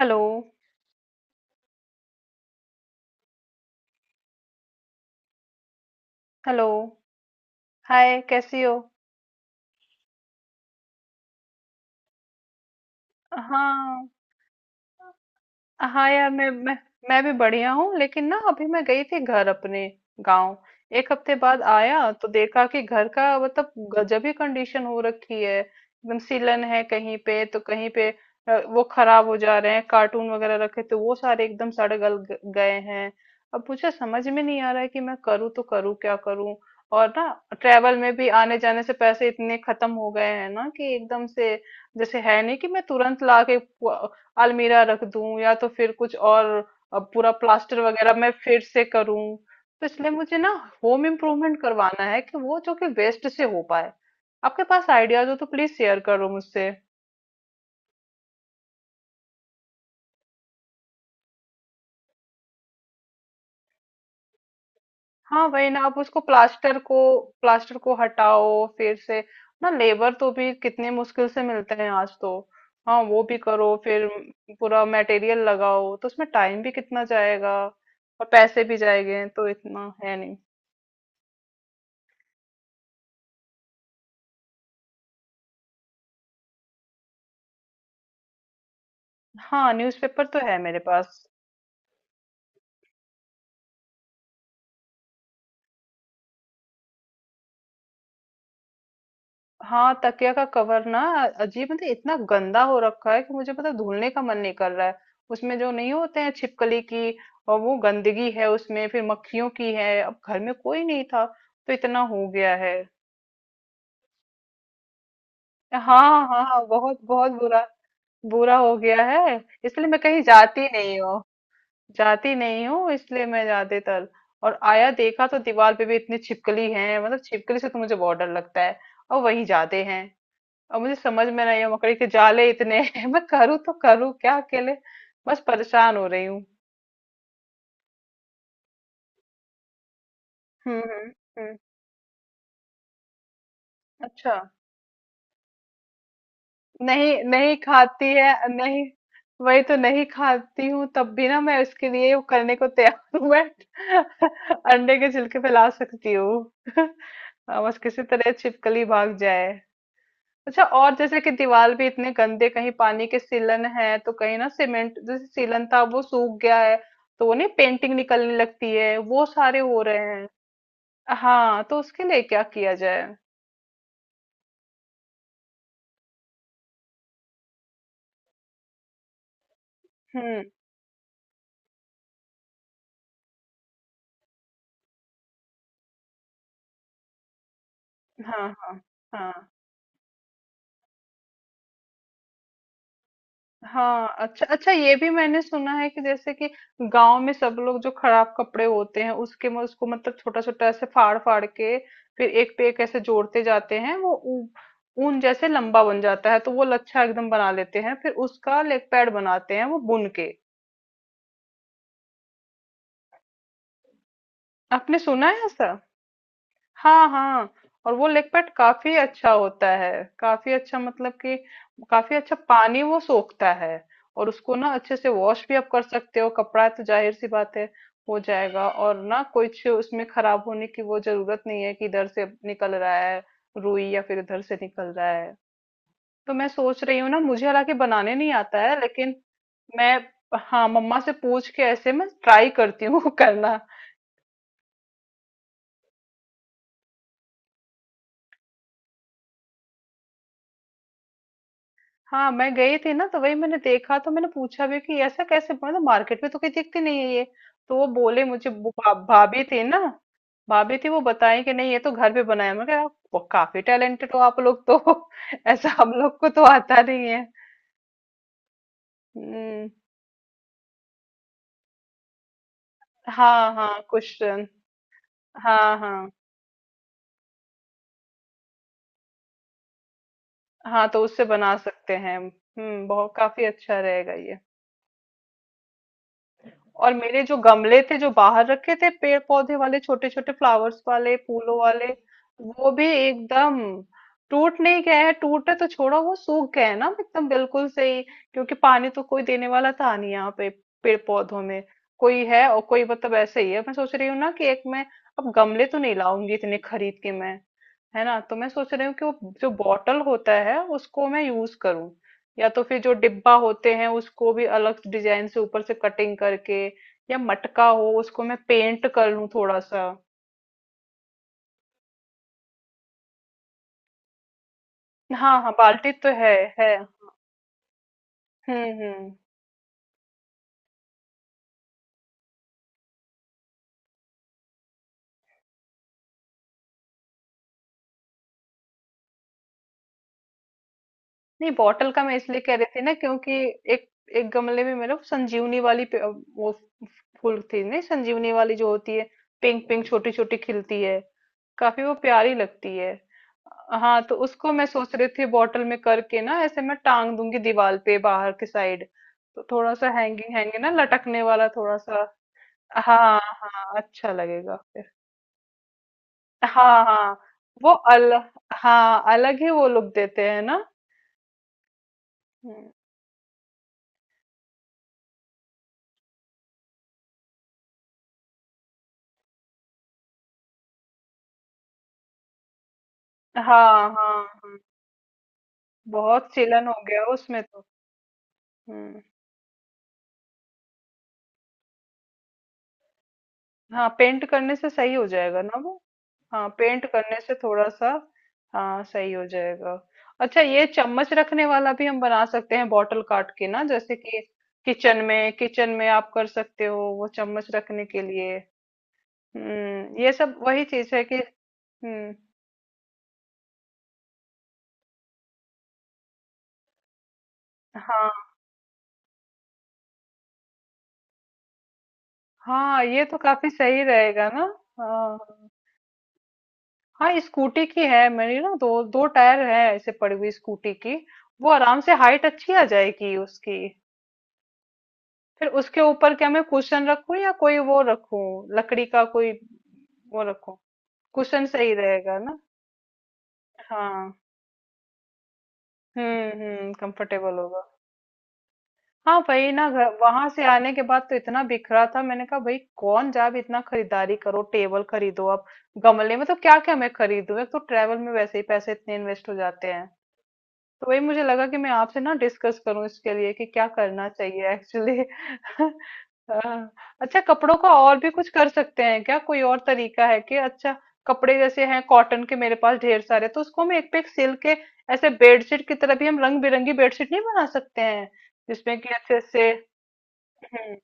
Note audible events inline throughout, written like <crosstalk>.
Hello. Hello. Hi, कैसी हो? हाँ। हाँ यार, मैं मैं भी बढ़िया हूँ। लेकिन ना, अभी मैं गई थी घर अपने गांव। एक हफ्ते बाद आया तो देखा कि घर का मतलब गजब ही कंडीशन हो रखी है। एकदम सीलन है कहीं पे तो कहीं पे वो खराब हो जा रहे हैं। कार्टून वगैरह रखे तो वो सारे एकदम सड़ गल गए हैं। अब मुझे समझ में नहीं आ रहा है कि मैं करूँ तो करूँ क्या करूँ। और ना, ट्रेवल में भी आने जाने से पैसे इतने खत्म हो गए हैं ना कि एकदम से जैसे है नहीं कि मैं तुरंत लाके अलमीरा रख दूं, या तो फिर कुछ और पूरा प्लास्टर वगैरह मैं फिर से करूं। तो इसलिए मुझे ना होम इम्प्रूवमेंट करवाना है कि वो जो कि वेस्ट से हो पाए। आपके पास आइडियाज हो तो प्लीज शेयर करो मुझसे। हाँ वही ना, आप उसको प्लास्टर को हटाओ फिर से ना। लेबर तो भी कितने मुश्किल से मिलते हैं आज तो। हाँ वो भी करो फिर। पूरा मटेरियल लगाओ तो उसमें टाइम भी कितना जाएगा और पैसे भी जाएंगे, तो इतना है नहीं। हाँ, न्यूज़पेपर तो है मेरे पास। हाँ, तकिया का कवर ना। अजीब, मतलब इतना गंदा हो रखा है कि मुझे पता है धुलने का मन नहीं कर रहा है। उसमें जो नहीं होते हैं छिपकली की और वो गंदगी है उसमें, फिर मक्खियों की है। अब घर में कोई नहीं था तो इतना हो गया है। हाँ हाँ हाँ, बहुत बहुत बुरा। बुरा हो गया है। इसलिए मैं कहीं जाती नहीं हूँ। जाती नहीं हूँ इसलिए मैं ज्यादातर। और आया देखा तो दीवार पे भी इतनी छिपकली है। मतलब छिपकली से तो मुझे बहुत डर लगता है। और वही जाते हैं। और मुझे समझ में नहीं है, मकड़ी के जाले इतने हैं। <laughs> मैं करूँ तो करूँ क्या अकेले। बस परेशान हो रही हूँ। हम्म हम्म हम्म, अच्छा। नहीं नहीं, खाती है नहीं। वही तो नहीं खाती हूँ, तब भी ना मैं इसके लिए वो करने को तैयार हूँ मैं। <laughs> अंडे के छिलके फैला सकती हूँ। <laughs> हाँ, बस किसी तरह छिपकली भाग जाए। अच्छा, और जैसे कि दीवार भी इतने गंदे, कहीं पानी के सीलन है तो कहीं ना सीमेंट जैसे सीलन था वो सूख गया है। तो वो नहीं, पेंटिंग निकलने लगती है, वो सारे हो रहे हैं। हाँ तो उसके लिए क्या किया जाए। हम्म। हाँ हाँ हाँ हाँ। अच्छा अच्छा, ये भी मैंने सुना है कि जैसे कि गांव में सब लोग जो खराब कपड़े होते हैं उसके में उसको मतलब छोटा छोटा ऐसे फाड़ फाड़ के फिर एक पे एक ऐसे जोड़ते जाते हैं। वो ऊन जैसे लंबा बन जाता है तो वो लच्छा एकदम बना लेते हैं। फिर उसका लेग पैड बनाते हैं वो बुन के। आपने सुना है ऐसा। हाँ हाँ। और वो लेग पैड काफी अच्छा होता है। काफी अच्छा, मतलब कि काफी अच्छा पानी वो सोखता है। और उसको ना अच्छे से वॉश भी आप कर सकते हो, कपड़ा है तो जाहिर सी बात है हो जाएगा। और ना कुछ उसमें खराब होने की वो जरूरत नहीं है कि इधर से निकल रहा है रुई या फिर इधर से निकल रहा है। तो मैं सोच रही हूँ ना, मुझे हालांकि बनाने नहीं आता है लेकिन मैं, हाँ मम्मा से पूछ के ऐसे मैं ट्राई करती हूँ। <laughs> करना। हाँ मैं गई थी ना, तो वही मैंने देखा तो मैंने पूछा भी कि ऐसा कैसे, मतलब मार्केट में तो कहीं दिखती नहीं है ये। तो वो बोले, मुझे वो भाभी थी ना, भाभी थी वो बताए कि नहीं ये तो घर पे बनाया। मैं कहा, "आप वो काफी टैलेंटेड हो आप लोग तो। <laughs> ऐसा हम लोग को तो आता नहीं है।" हम्म, हाँ हाँ क्वेश्चन। हाँ हाँ हाँ, तो उससे बना सकते हैं, हम्म, बहुत काफी अच्छा रहेगा ये। और मेरे जो गमले थे जो बाहर रखे थे पेड़ पौधे वाले, छोटे छोटे फ्लावर्स वाले, फूलों वाले, वो भी एकदम। टूट नहीं गए हैं, टूटे तो छोड़ो, वो सूख गए हैं ना एकदम बिल्कुल से ही। क्योंकि पानी तो कोई देने वाला था नहीं यहाँ पे पेड़ पौधों में। कोई है और कोई मतलब ऐसे ही है। मैं सोच रही हूँ ना कि एक मैं अब गमले तो नहीं लाऊंगी इतने खरीद के मैं। है ना, तो मैं सोच रही हूँ कि वो जो बॉटल होता है उसको मैं यूज करूँ। या तो फिर जो डिब्बा होते हैं उसको भी अलग डिजाइन से ऊपर से कटिंग करके, या मटका हो उसको मैं पेंट कर लूँ थोड़ा सा। हाँ हाँ, बाल्टी तो है। है। हम्म। हम्म। नहीं, बॉटल का मैं इसलिए कह रही थी ना क्योंकि एक एक गमले में मेरे संजीवनी वाली वो फूल थी नहीं, संजीवनी वाली जो होती है, पिंक पिंक छोटी छोटी खिलती है, काफी वो प्यारी लगती है। हाँ तो उसको मैं सोच रही थी बॉटल में करके ना, ऐसे मैं टांग दूंगी दीवार पे बाहर की साइड। तो थोड़ा सा हैंगिंग हैंगिंग ना, लटकने वाला थोड़ा सा। हाँ हाँ, अच्छा लगेगा फिर। हाँ हाँ, वो अल, हाँ अलग ही वो लुक देते हैं ना। हम्म, हाँ हाँ हाँ, बहुत सिलन हो गया उसमें तो। हम्म। हाँ, पेंट करने से सही हो जाएगा ना वो। हाँ पेंट करने से थोड़ा सा, हाँ सही हो जाएगा। अच्छा, ये चम्मच रखने वाला भी हम बना सकते हैं बॉटल काट के ना, जैसे कि किचन में आप कर सकते हो, वो चम्मच रखने के लिए। हम्म, ये सब वही चीज है कि हम्म। हाँ हाँ, ये तो काफी सही रहेगा ना। हाँ, हाँ स्कूटी की है मेरी ना, दो दो टायर है ऐसे पड़ी हुई स्कूटी की। वो आराम से हाइट अच्छी आ जाएगी उसकी। फिर उसके ऊपर क्या मैं कुशन रखूं, या कोई वो रखूं, लकड़ी का कोई वो रखूं, कुशन सही रहेगा ना। हाँ हम्म, कंफर्टेबल होगा। हाँ भाई ना, घर वहां से आने के बाद तो इतना बिखरा था, मैंने कहा भाई कौन जाब इतना खरीदारी करो, टेबल खरीदो आप, गमले, मतलब क्या क्या मैं खरीदूं। एक तो ट्रेवल में वैसे ही पैसे इतने इन्वेस्ट हो जाते हैं। तो वही मुझे लगा कि मैं आपसे ना डिस्कस करूं इसके लिए कि क्या करना चाहिए एक्चुअली। <laughs> अच्छा, कपड़ों का और भी कुछ कर सकते हैं क्या, कोई और तरीका है कि। अच्छा कपड़े जैसे हैं कॉटन के मेरे पास ढेर सारे, तो उसको हम एक पे एक सिल के ऐसे बेडशीट की तरह भी हम रंग बिरंगी बेडशीट नहीं बना सकते हैं, जिसमें कि अच्छे से। हम्म,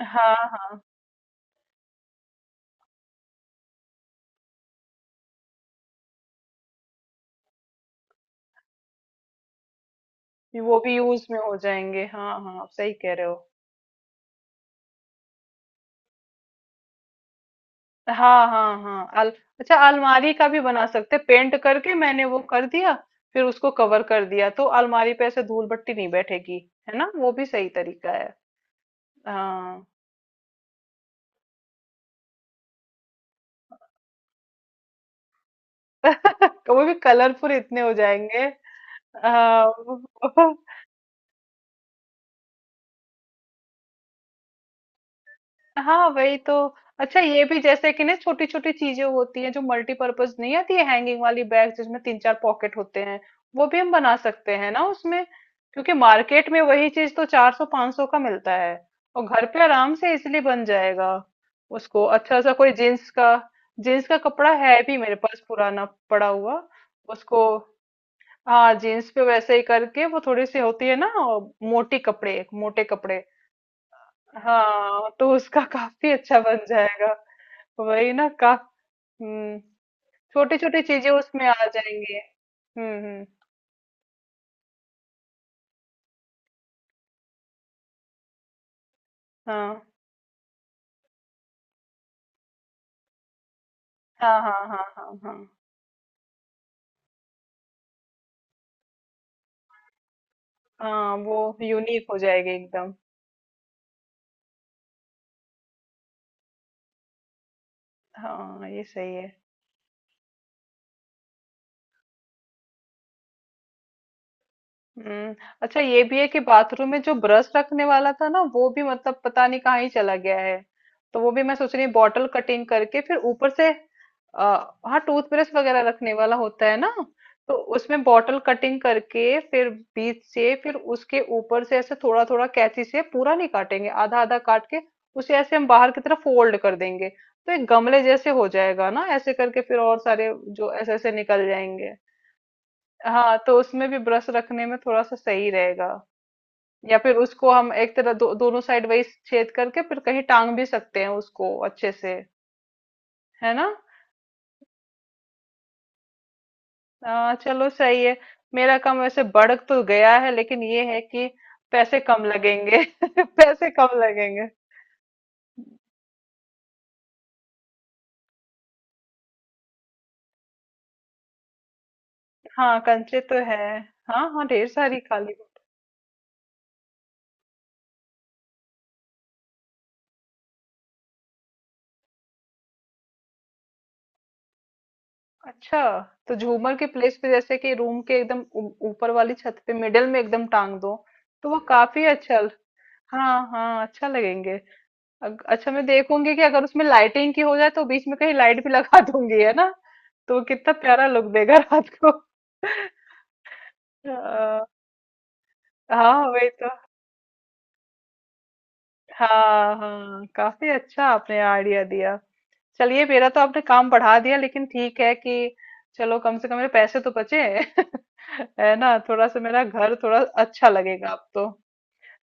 हाँ हाँ वो भी यूज में हो जाएंगे। हाँ हाँ आप सही कह रहे हो। हाँ हाँ हाँ, अच्छा अलमारी का भी बना सकते पेंट करके, मैंने वो कर दिया फिर उसको कवर कर दिया तो अलमारी पे ऐसे धूल बट्टी नहीं बैठेगी। है ना, वो भी सही तरीका है। हाँ। <laughs> वो भी कलरफुल इतने हो जाएंगे। हाँ <laughs> हाँ वही तो। अच्छा, ये भी जैसे कि ना, छोटी छोटी चीजें होती हैं जो मल्टीपर्पज नहीं आती है हैंगिंग वाली बैग जिसमें तीन चार पॉकेट होते हैं, वो भी हम बना सकते हैं ना उसमें। क्योंकि मार्केट में वही चीज तो चार सौ पांच सौ का मिलता है और घर पे आराम से इसलिए बन जाएगा। उसको अच्छा सा कोई जीन्स का, जीन्स का कपड़ा है भी मेरे पास पुराना पड़ा हुआ, उसको, हाँ जीन्स पे वैसे ही करके वो थोड़ी सी होती है ना मोटी, कपड़े मोटे कपड़े। हाँ तो उसका <laughs> काफी अच्छा बन जाएगा। वही ना का, हम्म, छोटी छोटी चीजें उसमें आ जाएंगी। हम्म। हाँ हाँ हाँ हाँ हाँ। हाँ हाँ, वो यूनिक हो जाएगी एकदम। हाँ ये सही है। हम्म। अच्छा ये भी है कि बाथरूम में जो ब्रश रखने वाला था ना, वो भी मतलब पता नहीं कहाँ ही चला गया है। तो वो भी मैं सोच रही हूँ बॉटल कटिंग करके फिर ऊपर से आ, हाँ टूथब्रश वगैरह रखने वाला होता है ना। तो उसमें बॉटल कटिंग करके फिर बीच से, फिर उसके ऊपर से ऐसे थोड़ा थोड़ा कैंची से पूरा नहीं काटेंगे, आधा आधा काट के उसे ऐसे हम बाहर की तरफ फोल्ड कर देंगे। तो एक गमले जैसे हो जाएगा ना, ऐसे करके फिर, और सारे जो ऐसे ऐसे निकल जाएंगे। हाँ तो उसमें भी ब्रश रखने में थोड़ा सा सही रहेगा। या फिर उसको हम एक तरह दो, दोनों साइड वही छेद करके फिर कहीं टांग भी सकते हैं उसको अच्छे से। है ना। हाँ चलो सही है। मेरा काम वैसे बढ़ तो गया है, लेकिन ये है कि पैसे कम लगेंगे। <laughs> पैसे कम लगेंगे। हाँ कंचे तो है। हाँ हाँ ढेर सारी खाली। अच्छा, तो झूमर के प्लेस पे जैसे कि रूम के एकदम ऊपर वाली छत पे मिडिल में एकदम टांग दो, तो वो काफी अच्छा। हाँ हाँ, अच्छा लगेंगे। अच्छा मैं देखूंगी कि अगर उसमें लाइटिंग की हो जाए तो बीच में कहीं लाइट भी लगा दूंगी है ना, तो कितना प्यारा लुक देगा रात को। <laughs> अ, हाँ वही तो। हाँ हाँ, काफी अच्छा आपने आइडिया दिया। चलिए मेरा तो आपने काम बढ़ा दिया, लेकिन ठीक है कि चलो कम से कम मेरे पैसे तो बचे। <laughs> है ना, थोड़ा सा मेरा घर थोड़ा अच्छा लगेगा अब तो।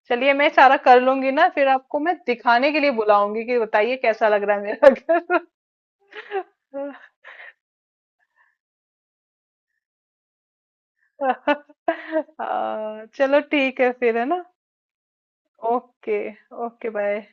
चलिए मैं सारा कर लूंगी ना फिर आपको मैं दिखाने के लिए बुलाऊंगी कि बताइए कैसा लग रहा है मेरा घर। <laughs> <laughs> हाँ, चलो ठीक है फिर है ना। ओके। Okay, bye.